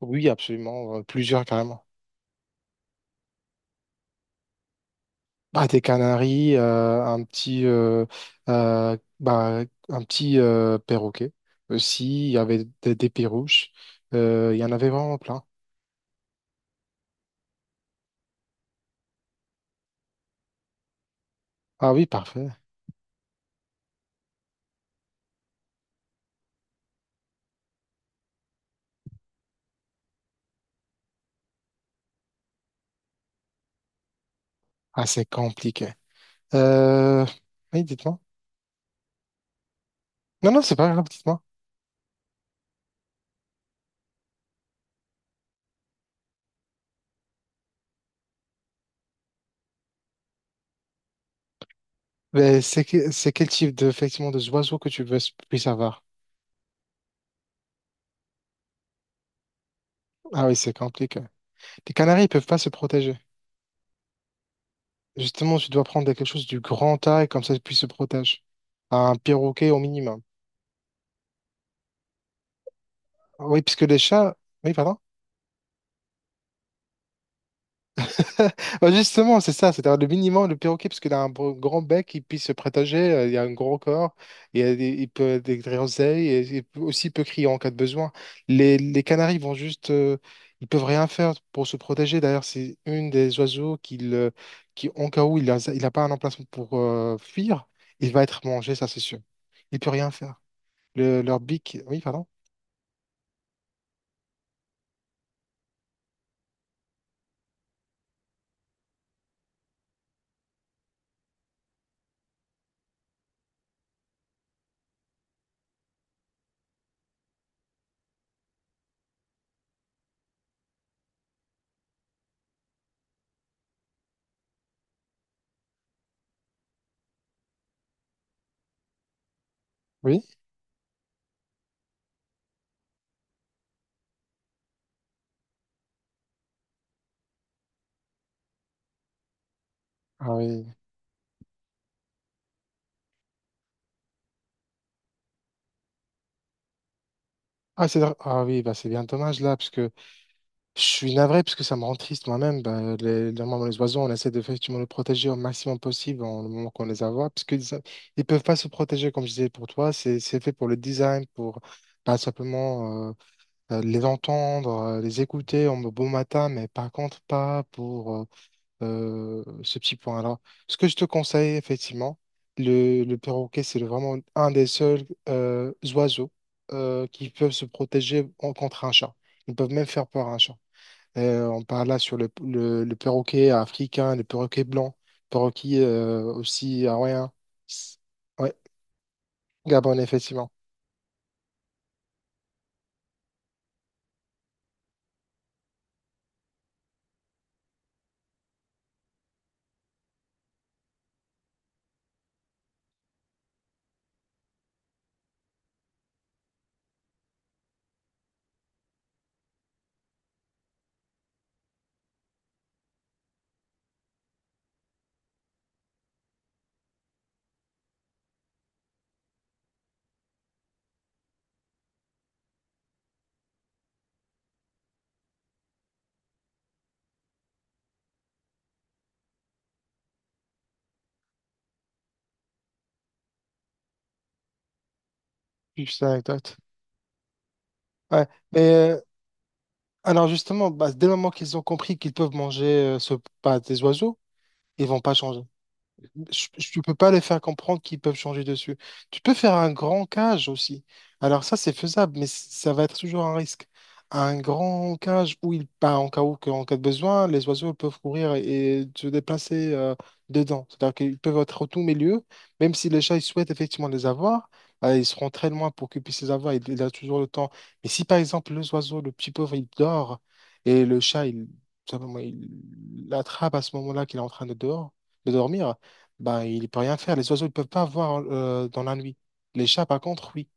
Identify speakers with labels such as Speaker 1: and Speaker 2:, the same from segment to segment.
Speaker 1: Oui, absolument, plusieurs carrément. Bah, des canaris, un petit, bah, un petit perroquet aussi. Il y avait des perruches. Il y en avait vraiment plein. Ah oui, parfait. Ah, c'est compliqué. Euh, Oui, dites-moi. Non, non, c'est pas grave, dites-moi. Mais c'est quel type de, effectivement, de oiseaux que tu veux puisses avoir? Ah oui, c'est compliqué. Les canaris, ils peuvent pas se protéger. Justement, tu dois prendre quelque chose du grand taille, comme ça, ils puissent se protéger. Un perroquet au minimum. Oui, puisque les chats. Oui, pardon. Bah, justement, c'est ça, c'est-à-dire le minimum, le perroquet, parce qu'il a un grand bec, il puisse se prétager, il a un gros corps. Il peut être des griseilles, et aussi il peut crier en cas de besoin. Les canaris vont juste, ils peuvent rien faire pour se protéger. D'ailleurs, c'est une des oiseaux qui en cas où il a pas un emplacement pour fuir, il va être mangé, ça c'est sûr. Il peut rien faire. Leur bic, oui, pardon. Oui. Ah oui. Ah, ah oui, bah, c'est bien dommage là, parce que je suis navré parce que ça me rend triste moi-même. Bah, normalement, les oiseaux, on essaie de effectivement les protéger au maximum possible en le moment qu'on les voit, parce qu'ils ne peuvent pas se protéger, comme je disais pour toi. C'est fait pour le design, pour pas simplement les entendre, les écouter en beau matin, mais par contre, pas pour ce petit point-là. Ce que je te conseille, effectivement, le perroquet, c'est vraiment un des seuls oiseaux qui peuvent se protéger contre un chat. Ils peuvent même faire peur à un chat. On parle là sur le perroquet africain, le perroquet blanc, perroquet aussi hawaïen. S- Ouais, Gabon, effectivement. Juste une anecdote. Ouais. Mais euh, alors justement, bah, dès le moment qu'ils ont compris qu'ils peuvent manger bah, des oiseaux, ils vont pas changer. Tu peux pas les faire comprendre qu'ils peuvent changer dessus. Tu peux faire un grand cage aussi. Alors ça, c'est faisable, mais ça va être toujours un risque. Un grand cage où ils, bah, en cas de besoin, les oiseaux peuvent courir et se déplacer dedans. C'est-à-dire qu'ils peuvent être au tout milieu, même si les chats ils souhaitent effectivement les avoir, ils seront très loin pour qu'ils puissent les avoir. Il a toujours le temps. Mais si par exemple le oiseau, le petit pauvre, il dort et le chat, il, simplement, il l'attrape à ce moment-là qu'il est en train de dehors de dormir, ben il peut rien faire. Les oiseaux, ils peuvent pas voir dans la nuit. Les chats, par contre, oui.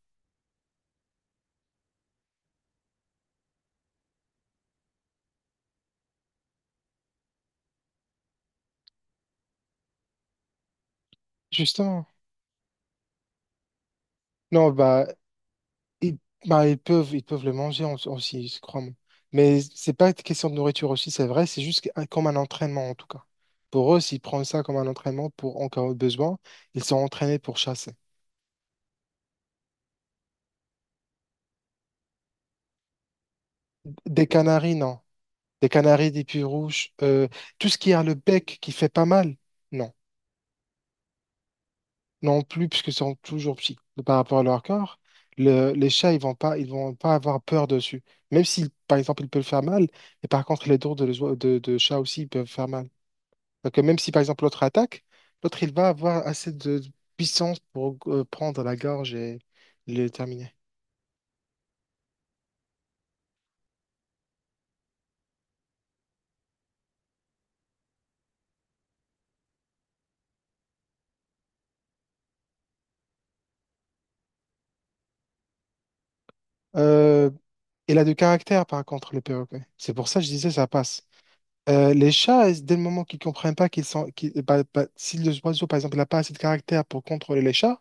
Speaker 1: Justement. Non, bah, ils, bah, ils peuvent le manger aussi, je crois. Moi. Mais c'est pas une question de nourriture aussi, c'est vrai. C'est juste comme un entraînement, en tout cas. Pour eux, s'ils prennent ça comme un entraînement pour, en cas de besoin, ils sont entraînés pour chasser. Des canaris, non. Des canaris, des puits rouges, tout ce qui a le bec qui fait pas mal, non. Non plus, puisque sont toujours petits par rapport à leur corps, les chats, ils vont pas avoir peur dessus. Même si, par exemple, ils peuvent faire mal, et par contre, les dents de chat aussi, ils peuvent faire mal. Donc, même si, par exemple, l'autre attaque, l'autre, il va avoir assez de puissance pour prendre la gorge et le terminer. Euh, il a du caractère, par contre, le perroquet. C'est pour ça que je disais, ça passe. Les chats, dès le moment qu'ils comprennent pas qu'ils sont, qu'ils- bah, bah, si le oiseau, par exemple, n'a pas assez de caractère pour contrôler les chats,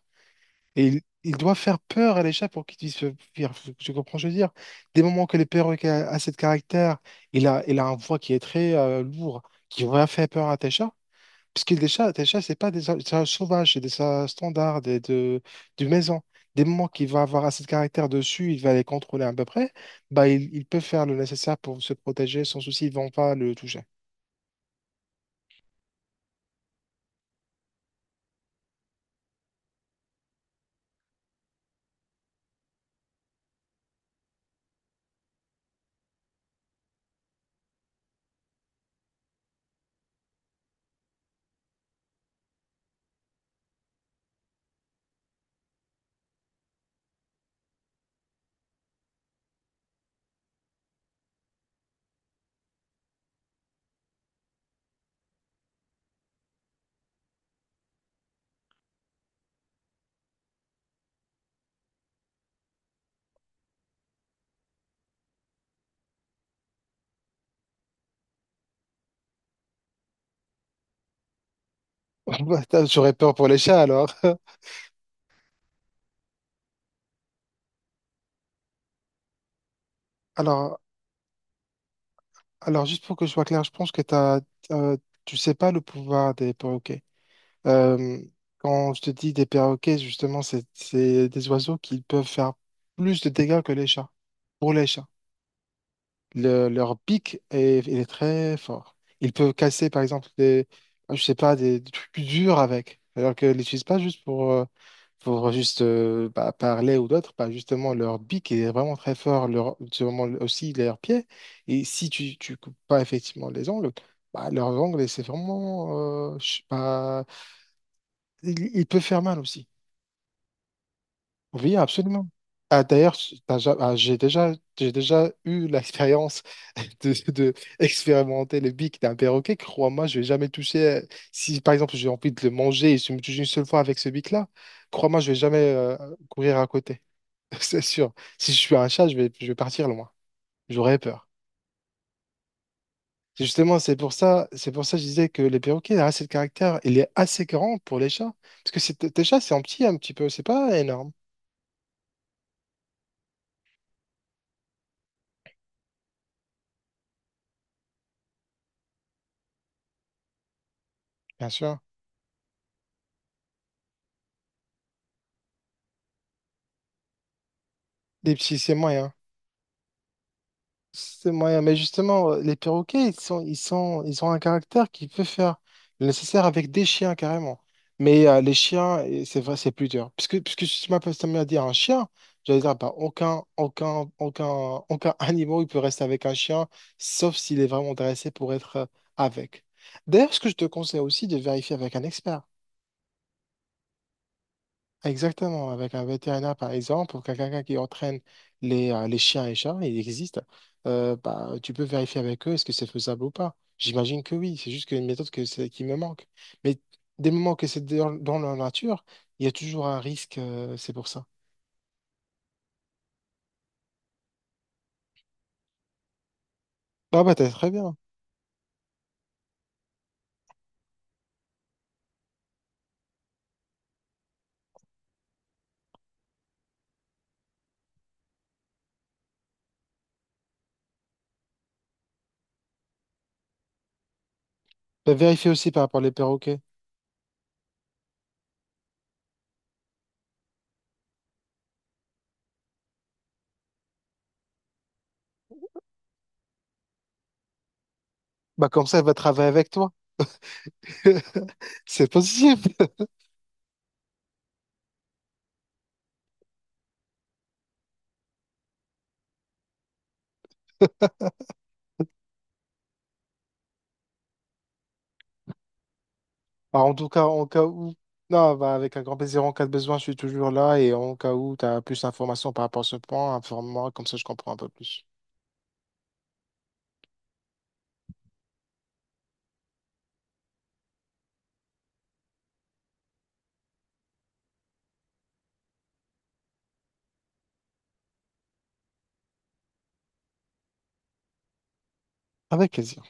Speaker 1: et il doit faire peur à les chats pour qu'ils puissent se fuir. Tu comprends, ce que je veux dire. Des moments que les perroquets a cette caractère, il a un voix qui est très lourd, qui va faire peur à tes chats. Parce que des chats, tes chats, c'est pas des chats sauvages, c'est des chats standards, de maison. Des moments qu'il va avoir assez de caractère dessus, il va les contrôler à peu près, bah, il peut faire le nécessaire pour se protéger sans souci, ils vont pas le toucher. Bah, j'aurais peur pour les chats alors. Alors, Alors, juste pour que je sois clair, je pense que euh, tu sais pas le pouvoir des perroquets. Euh, quand je te dis des perroquets, justement, c'est des oiseaux qui peuvent faire plus de dégâts que les chats. Pour les chats leur pic est, il est très fort. Ils peuvent casser, par exemple, ah, je sais pas, des trucs durs avec. Alors qu'ils l'utilisent pas juste pour juste bah, parler ou d'autres. Bah, justement, leur pic est vraiment très fort. Leur, c'est vraiment aussi leurs pieds. Et si tu coupes pas effectivement les ongles, bah, leurs ongles, c'est vraiment, je sais pas, ils peuvent faire mal aussi. Oui, absolument. Ah, d'ailleurs, t'as ja- ah, j'ai déjà, j'ai déjà eu l'expérience de expérimenter le bic d'un perroquet. Crois-moi, je vais jamais toucher. Euh, si par exemple j'ai envie de le manger et je me touche une seule fois avec ce bic-là, crois-moi, je vais jamais courir à côté. C'est sûr. Si je suis un chat, je vais partir loin. J'aurais peur. C'est Justement, c'est pour ça que je disais que les perroquets, la race de caractère, il est assez grand pour les chats. Parce que tes chats, c'est en petit un petit peu, c'est pas énorme, bien sûr. Les petits, c'est moyen. C'est moyen, mais justement, les perroquets, ils ont un caractère qui peut faire le nécessaire avec des chiens carrément. Mais les chiens, et c'est vrai, c'est plus dur. Puisque tu m'as dit un chien, j'allais dire, bah, aucun animal, il peut rester avec un chien, sauf s'il est vraiment intéressé pour être avec. D'ailleurs, ce que je te conseille aussi de vérifier avec un expert. Exactement, avec un vétérinaire par exemple, ou quelqu'un qui entraîne les chiens et chats, il existe, bah, tu peux vérifier avec eux est-ce que c'est faisable ou pas. J'imagine que oui, c'est juste qu'une méthode que c'est- qui me manque. Mais des moments que c'est dans la nature, il y a toujours un risque, c'est pour ça. Ah bah t'as très bien. Bah, vérifie aussi par rapport aux perroquets. Bah comme ça, elle va travailler avec toi. C'est possible. Bah, en tout cas, en cas où, non, bah, avec un grand plaisir, en cas de besoin, je suis toujours là et en cas où tu as plus d'informations par rapport à ce point, informe-moi, comme ça je comprends un peu plus. Avec plaisir.